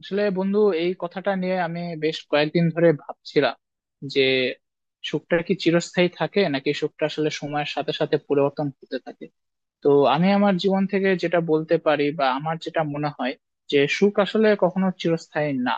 আসলে বন্ধু, এই কথাটা নিয়ে আমি বেশ কয়েকদিন ধরে ভাবছিলাম যে সুখটা কি চিরস্থায়ী থাকে নাকি সুখটা আসলে সময়ের সাথে সাথে পরিবর্তন হতে থাকে। তো আমি আমার জীবন থেকে যেটা বলতে পারি বা আমার যেটা মনে হয়, যে সুখ আসলে কখনো চিরস্থায়ী না।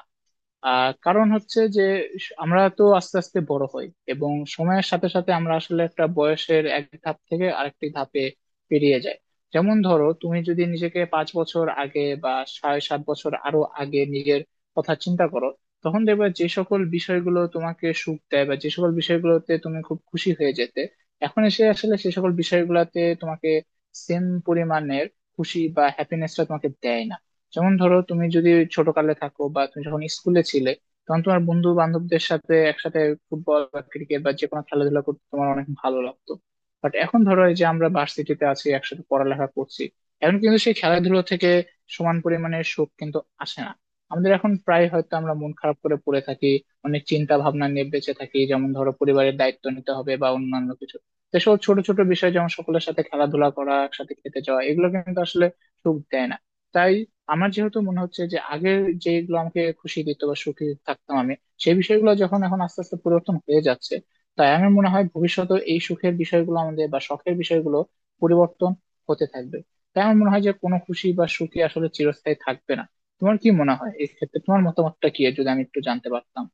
কারণ হচ্ছে যে আমরা তো আস্তে আস্তে বড় হই, এবং সময়ের সাথে সাথে আমরা আসলে একটা বয়সের এক ধাপ থেকে আরেকটি ধাপে পেরিয়ে যাই। যেমন ধরো, তুমি যদি নিজেকে 5 বছর আগে বা 6-7 বছর আরো আগে নিজের কথা চিন্তা করো, তখন দেখবে যে সকল বিষয়গুলো তোমাকে সুখ দেয় বা যে সকল বিষয়গুলোতে তুমি খুব খুশি হয়ে যেতে, এখন এসে আসলে সে সকল বিষয়গুলোতে তোমাকে সেম পরিমাণের খুশি বা হ্যাপিনেসটা তোমাকে দেয় না। যেমন ধরো, তুমি যদি ছোটকালে থাকো বা তুমি যখন স্কুলে ছিলে, তখন তোমার বন্ধু বান্ধবদের সাথে একসাথে ফুটবল বা ক্রিকেট বা যে কোনো খেলাধুলা করতে তোমার অনেক ভালো লাগতো। বাট এখন ধরো, এই যে আমরা ভার্সিটিতে আছি, একসাথে পড়ালেখা করছি, এখন কিন্তু সেই খেলাধুলো থেকে সমান পরিমাণে সুখ কিন্তু আসে না। আমাদের এখন প্রায় হয়তো আমরা মন খারাপ করে পড়ে থাকি, অনেক চিন্তা ভাবনা নিয়ে বেঁচে থাকি, যেমন ধরো পরিবারের দায়িত্ব নিতে হবে বা অন্যান্য কিছু। এসব ছোট ছোট বিষয়, যেমন সকলের সাথে খেলাধুলা করা, একসাথে খেতে যাওয়া, এগুলো কিন্তু আসলে সুখ দেয় না। তাই আমার যেহেতু মনে হচ্ছে যে আগের যেগুলো আমাকে খুশি দিত বা সুখী থাকতাম আমি, সেই বিষয়গুলো যখন এখন আস্তে আস্তে পরিবর্তন হয়ে যাচ্ছে, তাই আমার মনে হয় ভবিষ্যতে এই সুখের বিষয়গুলো আমাদের বা শখের বিষয়গুলো পরিবর্তন হতে থাকবে। তাই আমার মনে হয় যে কোনো খুশি বা সুখী আসলে চিরস্থায়ী থাকবে না। তোমার কি মনে হয় এই ক্ষেত্রে, তোমার মতামতটা কি যদি আমি একটু জানতে পারতাম।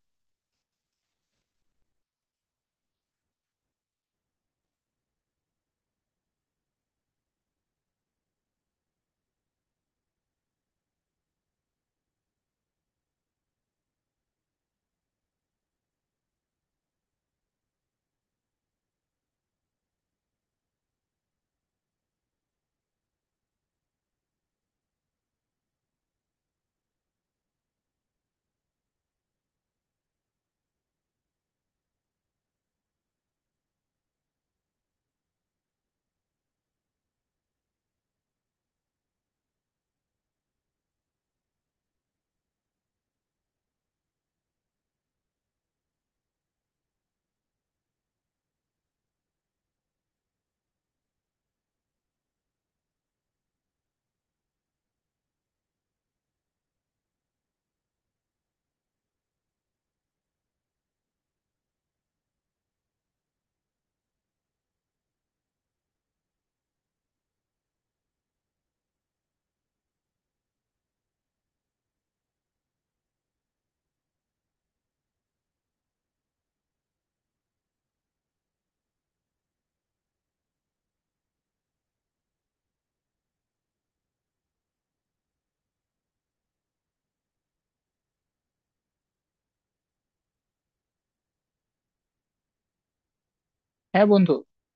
হ্যাঁ বন্ধু,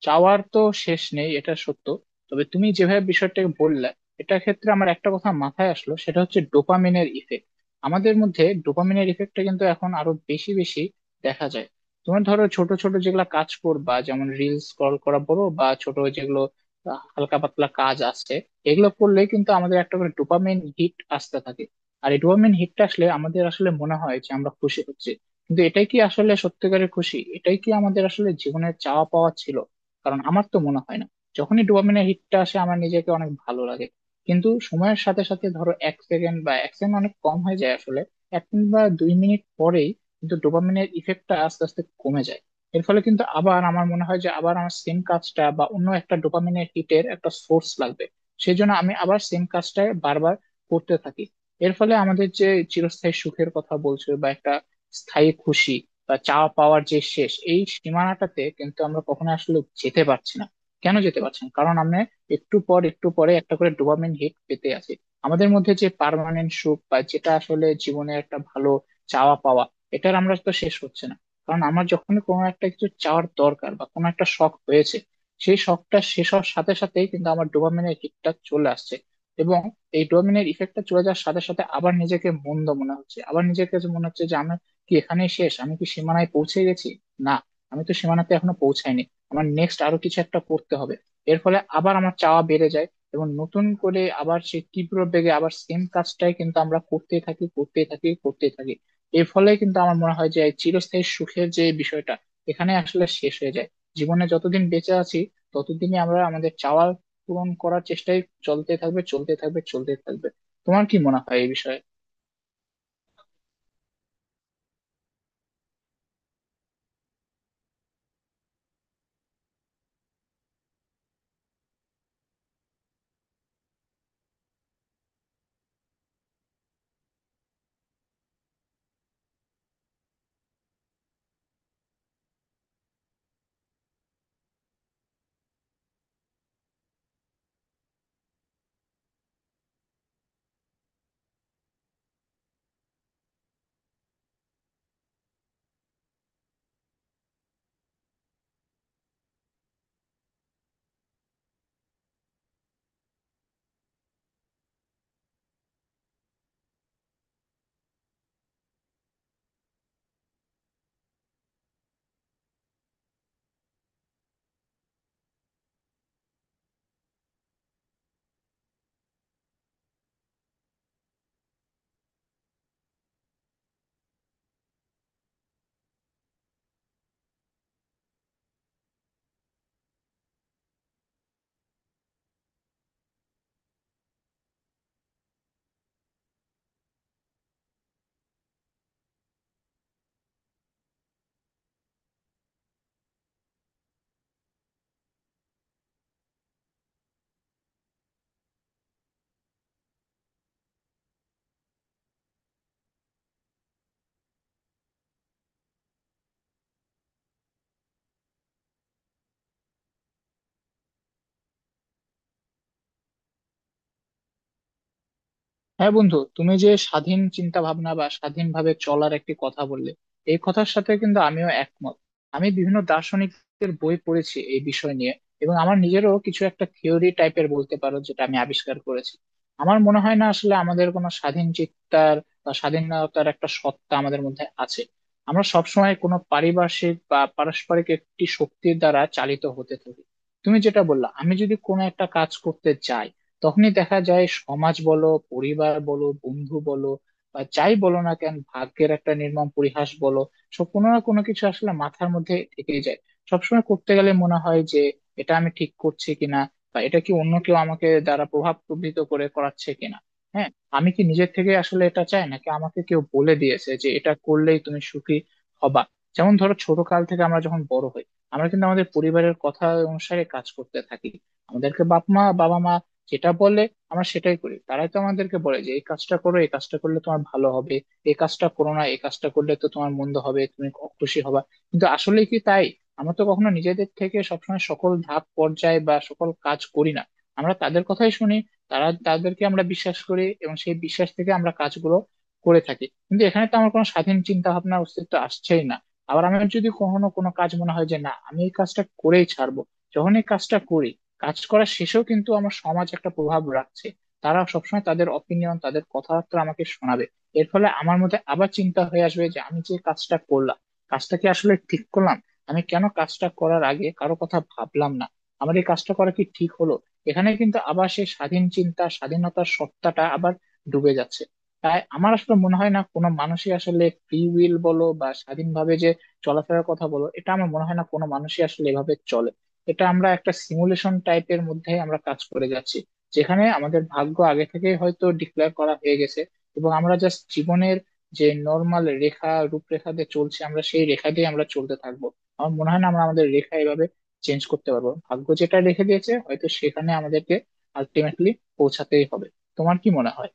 চাওয়ার তো শেষ নেই, এটা সত্য। তবে তুমি যেভাবে বিষয়টাকে বললে, এটা ক্ষেত্রে আমার একটা কথা মাথায় আসলো, সেটা হচ্ছে ডোপামিনের ইফেক্ট। আমাদের মধ্যে ডোপামিনের ইফেক্টটা কিন্তু এখন আরো বেশি বেশি দেখা যায়। তোমার ধরো ছোট ছোট যেগুলা কাজ করবা, যেমন রিলস স্ক্রল করা বলো বা ছোট যেগুলো হালকা পাতলা কাজ আছে, এগুলো করলে কিন্তু আমাদের একটা করে ডোপামিন হিট আসতে থাকে। আর এই ডোপামিন হিটটা আসলে আমাদের আসলে মনে হয় যে আমরা খুশি হচ্ছি, কিন্তু এটাই কি আসলে সত্যিকারের খুশি? এটাই কি আমাদের আসলে জীবনের চাওয়া পাওয়া ছিল? কারণ আমার তো মনে হয় না। যখনই ডোপামিনের হিটটা আসে, আমার নিজেকে অনেক ভালো লাগে, কিন্তু সময়ের সাথে সাথে, ধরো 1 সেকেন্ড, বা 1 সেকেন্ড অনেক কম হয়ে যায় আসলে, 1 মিনিট বা 2 মিনিট পরেই কিন্তু ডোপামিনের ইফেক্টটা আস্তে আস্তে কমে যায়। এর ফলে কিন্তু আবার আমার মনে হয় যে আবার আমার সেম কাজটা বা অন্য একটা ডোপামিনের হিটের একটা সোর্স লাগবে। সেই জন্য আমি আবার সেম কাজটা বারবার করতে থাকি। এর ফলে আমাদের যে চিরস্থায়ী সুখের কথা বলছো বা একটা স্থায়ী খুশি বা চাওয়া পাওয়ার যে শেষ, এই সীমানাটাতে কিন্তু আমরা কখনো আসলে যেতে পারছি না। কেন যেতে পারছি না? কারণ আমরা একটু পর একটু পরে একটা করে ডোপামিন হিট পেতে আছি। আমাদের মধ্যে যে পার্মানেন্ট সুখ বা যেটা আসলে জীবনে একটা ভালো চাওয়া পাওয়া, এটার আমরা তো শেষ হচ্ছে না। কারণ আমার যখন কোনো একটা কিছু চাওয়ার দরকার বা কোনো একটা শখ হয়েছে, সেই শখটা শেষ হওয়ার সাথে সাথেই কিন্তু আমার ডোপামিনের হিটটা চলে আসছে, এবং এই ডোপামিনের ইফেক্টটা চলে যাওয়ার সাথে সাথে আবার নিজেকে মন্দ মনে হচ্ছে, আবার নিজেকে যে মনে হচ্ছে যে আমি কি এখানে শেষ? আমি কি সীমানায় পৌঁছে গেছি? না, আমি তো সীমানাতে এখনো পৌঁছাইনি, আমার নেক্সট আরো কিছু একটা করতে হবে। এর ফলে আবার আমার চাওয়া বেড়ে যায়, এবং নতুন করে আবার সেই তীব্র বেগে আবার সেম কাজটাই কিন্তু আমরা করতেই থাকি, করতেই থাকি, করতেই থাকি। এর ফলে কিন্তু আমার মনে হয় যে এই চিরস্থায়ী সুখের যে বিষয়টা, এখানে আসলে শেষ হয়ে যায়। জীবনে যতদিন বেঁচে আছি, ততদিনই আমরা আমাদের চাওয়া পূরণ করার চেষ্টাই চলতে থাকবে, চলতে থাকবে, চলতে থাকবে। তোমার কি মনে হয় এই বিষয়ে? হ্যাঁ বন্ধু, তুমি যে স্বাধীন চিন্তা ভাবনা বা স্বাধীনভাবে চলার একটি কথা বললে, এই কথার সাথে কিন্তু আমিও একমত। আমি বিভিন্ন দার্শনিকদের বই পড়েছি এই বিষয় নিয়ে, এবং আমার নিজেরও কিছু একটা থিওরি টাইপের বলতে পারো, যেটা আমি আবিষ্কার করেছি। আমার মনে হয় না আসলে আমাদের কোনো স্বাধীন চিত্তার বা স্বাধীনতার একটা সত্তা আমাদের মধ্যে আছে। আমরা সবসময় কোনো পারিপার্শ্বিক বা পারস্পরিক একটি শক্তির দ্বারা চালিত হতে থাকি। তুমি যেটা বললা, আমি যদি কোনো একটা কাজ করতে চাই, তখনই দেখা যায় সমাজ বলো, পরিবার বলো, বন্ধু বলো, বা যাই বলো না কেন, ভাগ্যের একটা নির্মম পরিহাস বলো, সব কোনো না কোনো কিছু আসলে মাথার মধ্যে থেকেই যায়। সবসময় করতে গেলে মনে হয় যে এটা আমি ঠিক করছি কিনা, বা এটা কি অন্য কেউ আমাকে দ্বারা প্রভাব প্রভাবিত করে করাচ্ছে কিনা। হ্যাঁ, আমি কি নিজের থেকে আসলে এটা চাই, নাকি আমাকে কেউ বলে দিয়েছে যে এটা করলেই তুমি সুখী হবা। যেমন ধরো, ছোট কাল থেকে আমরা যখন বড় হই, আমরা কিন্তু আমাদের পরিবারের কথা অনুসারে কাজ করতে থাকি। আমাদেরকে বাপ মা বাবা মা যেটা বলে, আমরা সেটাই করি। তারাই তো আমাদেরকে বলে যে এই কাজটা করো, এই কাজটা করলে তোমার ভালো হবে, এই কাজটা করো না, এই কাজটা করলে তো তোমার মন্দ হবে, তুমি খুশি হবা। কিন্তু আসলে কি তাই? আমরা তো কখনো নিজেদের থেকে সবসময় সকল ধাপ পর্যায় বা সকল কাজ করি না। আমরা তাদের কথাই শুনি, তারা তাদেরকে আমরা বিশ্বাস করি, এবং সেই বিশ্বাস থেকে আমরা কাজগুলো করে থাকি। কিন্তু এখানে তো আমার কোনো স্বাধীন চিন্তা ভাবনা অস্তিত্ব আসছেই না। আবার আমার যদি কখনো কোনো কাজ মনে হয় যে না, আমি এই কাজটা করেই ছাড়বো, যখন এই কাজটা করি, কাজ করা শেষেও কিন্তু আমার সমাজ একটা প্রভাব রাখছে। তারা সবসময় তাদের অপিনিয়ন, তাদের কথাবার্তা আমাকে শোনাবে। এর ফলে আমার মধ্যে আবার চিন্তা হয়ে আসবে যে আমি যে কাজটা করলাম, কাজটা কি আসলে ঠিক করলাম? আমি কেন কাজটা করার আগে কারো কথা ভাবলাম না? আমার এই কাজটা করা কি ঠিক হলো? এখানে কিন্তু আবার সেই স্বাধীন চিন্তা, স্বাধীনতার সত্তাটা আবার ডুবে যাচ্ছে। তাই আমার আসলে মনে হয় না কোনো মানুষই আসলে ফ্রি উইল বলো, বা স্বাধীনভাবে যে চলাফেরার কথা বলো, এটা আমার মনে হয় না কোনো মানুষই আসলে এভাবে চলে। এটা আমরা একটা সিমুলেশন টাইপের মধ্যে আমরা কাজ করে যাচ্ছি, যেখানে আমাদের ভাগ্য আগে থেকে হয়তো ডিক্লেয়ার করা হয়ে গেছে, এবং আমরা জাস্ট জীবনের যে নর্মাল রেখা, রূপরেখা দিয়ে চলছে, আমরা সেই রেখা দিয়ে আমরা চলতে থাকবো। আমার মনে হয় না আমরা আমাদের রেখা এভাবে চেঞ্জ করতে পারবো। ভাগ্য যেটা রেখে দিয়েছে, হয়তো সেখানে আমাদেরকে আলটিমেটলি পৌঁছাতেই হবে। তোমার কি মনে হয়?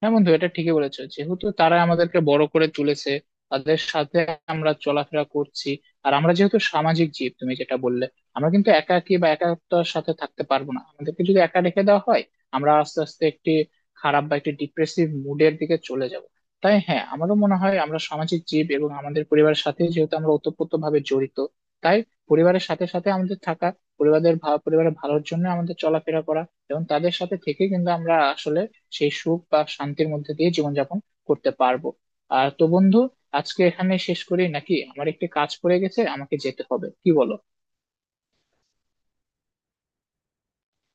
হ্যাঁ বন্ধু, এটা ঠিকই বলেছো, যেহেতু তারা আমাদেরকে বড় করে তুলেছে, তাদের সাথে আমরা চলাফেরা করছি। আর আমরা যেহেতু সামাজিক জীব, তুমি যেটা বললে, আমরা কিন্তু একা একাকী বা একাত্মতার সাথে থাকতে পারবো না। আমাদেরকে যদি একা রেখে দেওয়া হয়, আমরা আস্তে আস্তে একটি খারাপ বা একটি ডিপ্রেসিভ মুডের দিকে চলে যাব। তাই হ্যাঁ, আমারও মনে হয় আমরা সামাজিক জীব, এবং আমাদের পরিবারের সাথে যেহেতু আমরা ওতপ্রোত ভাবে জড়িত, তাই পরিবারের সাথে সাথে আমাদের থাকা, পরিবারের ভালোর জন্য আমাদের চলাফেরা করা, এবং তাদের সাথে থেকে কিন্তু আমরা আসলে সেই সুখ বা শান্তির মধ্যে দিয়ে জীবনযাপন করতে পারবো। আর তো বন্ধু, আজকে এখানে শেষ করি নাকি? আমার একটি কাজ পড়ে গেছে, আমাকে যেতে হবে, কি বলো?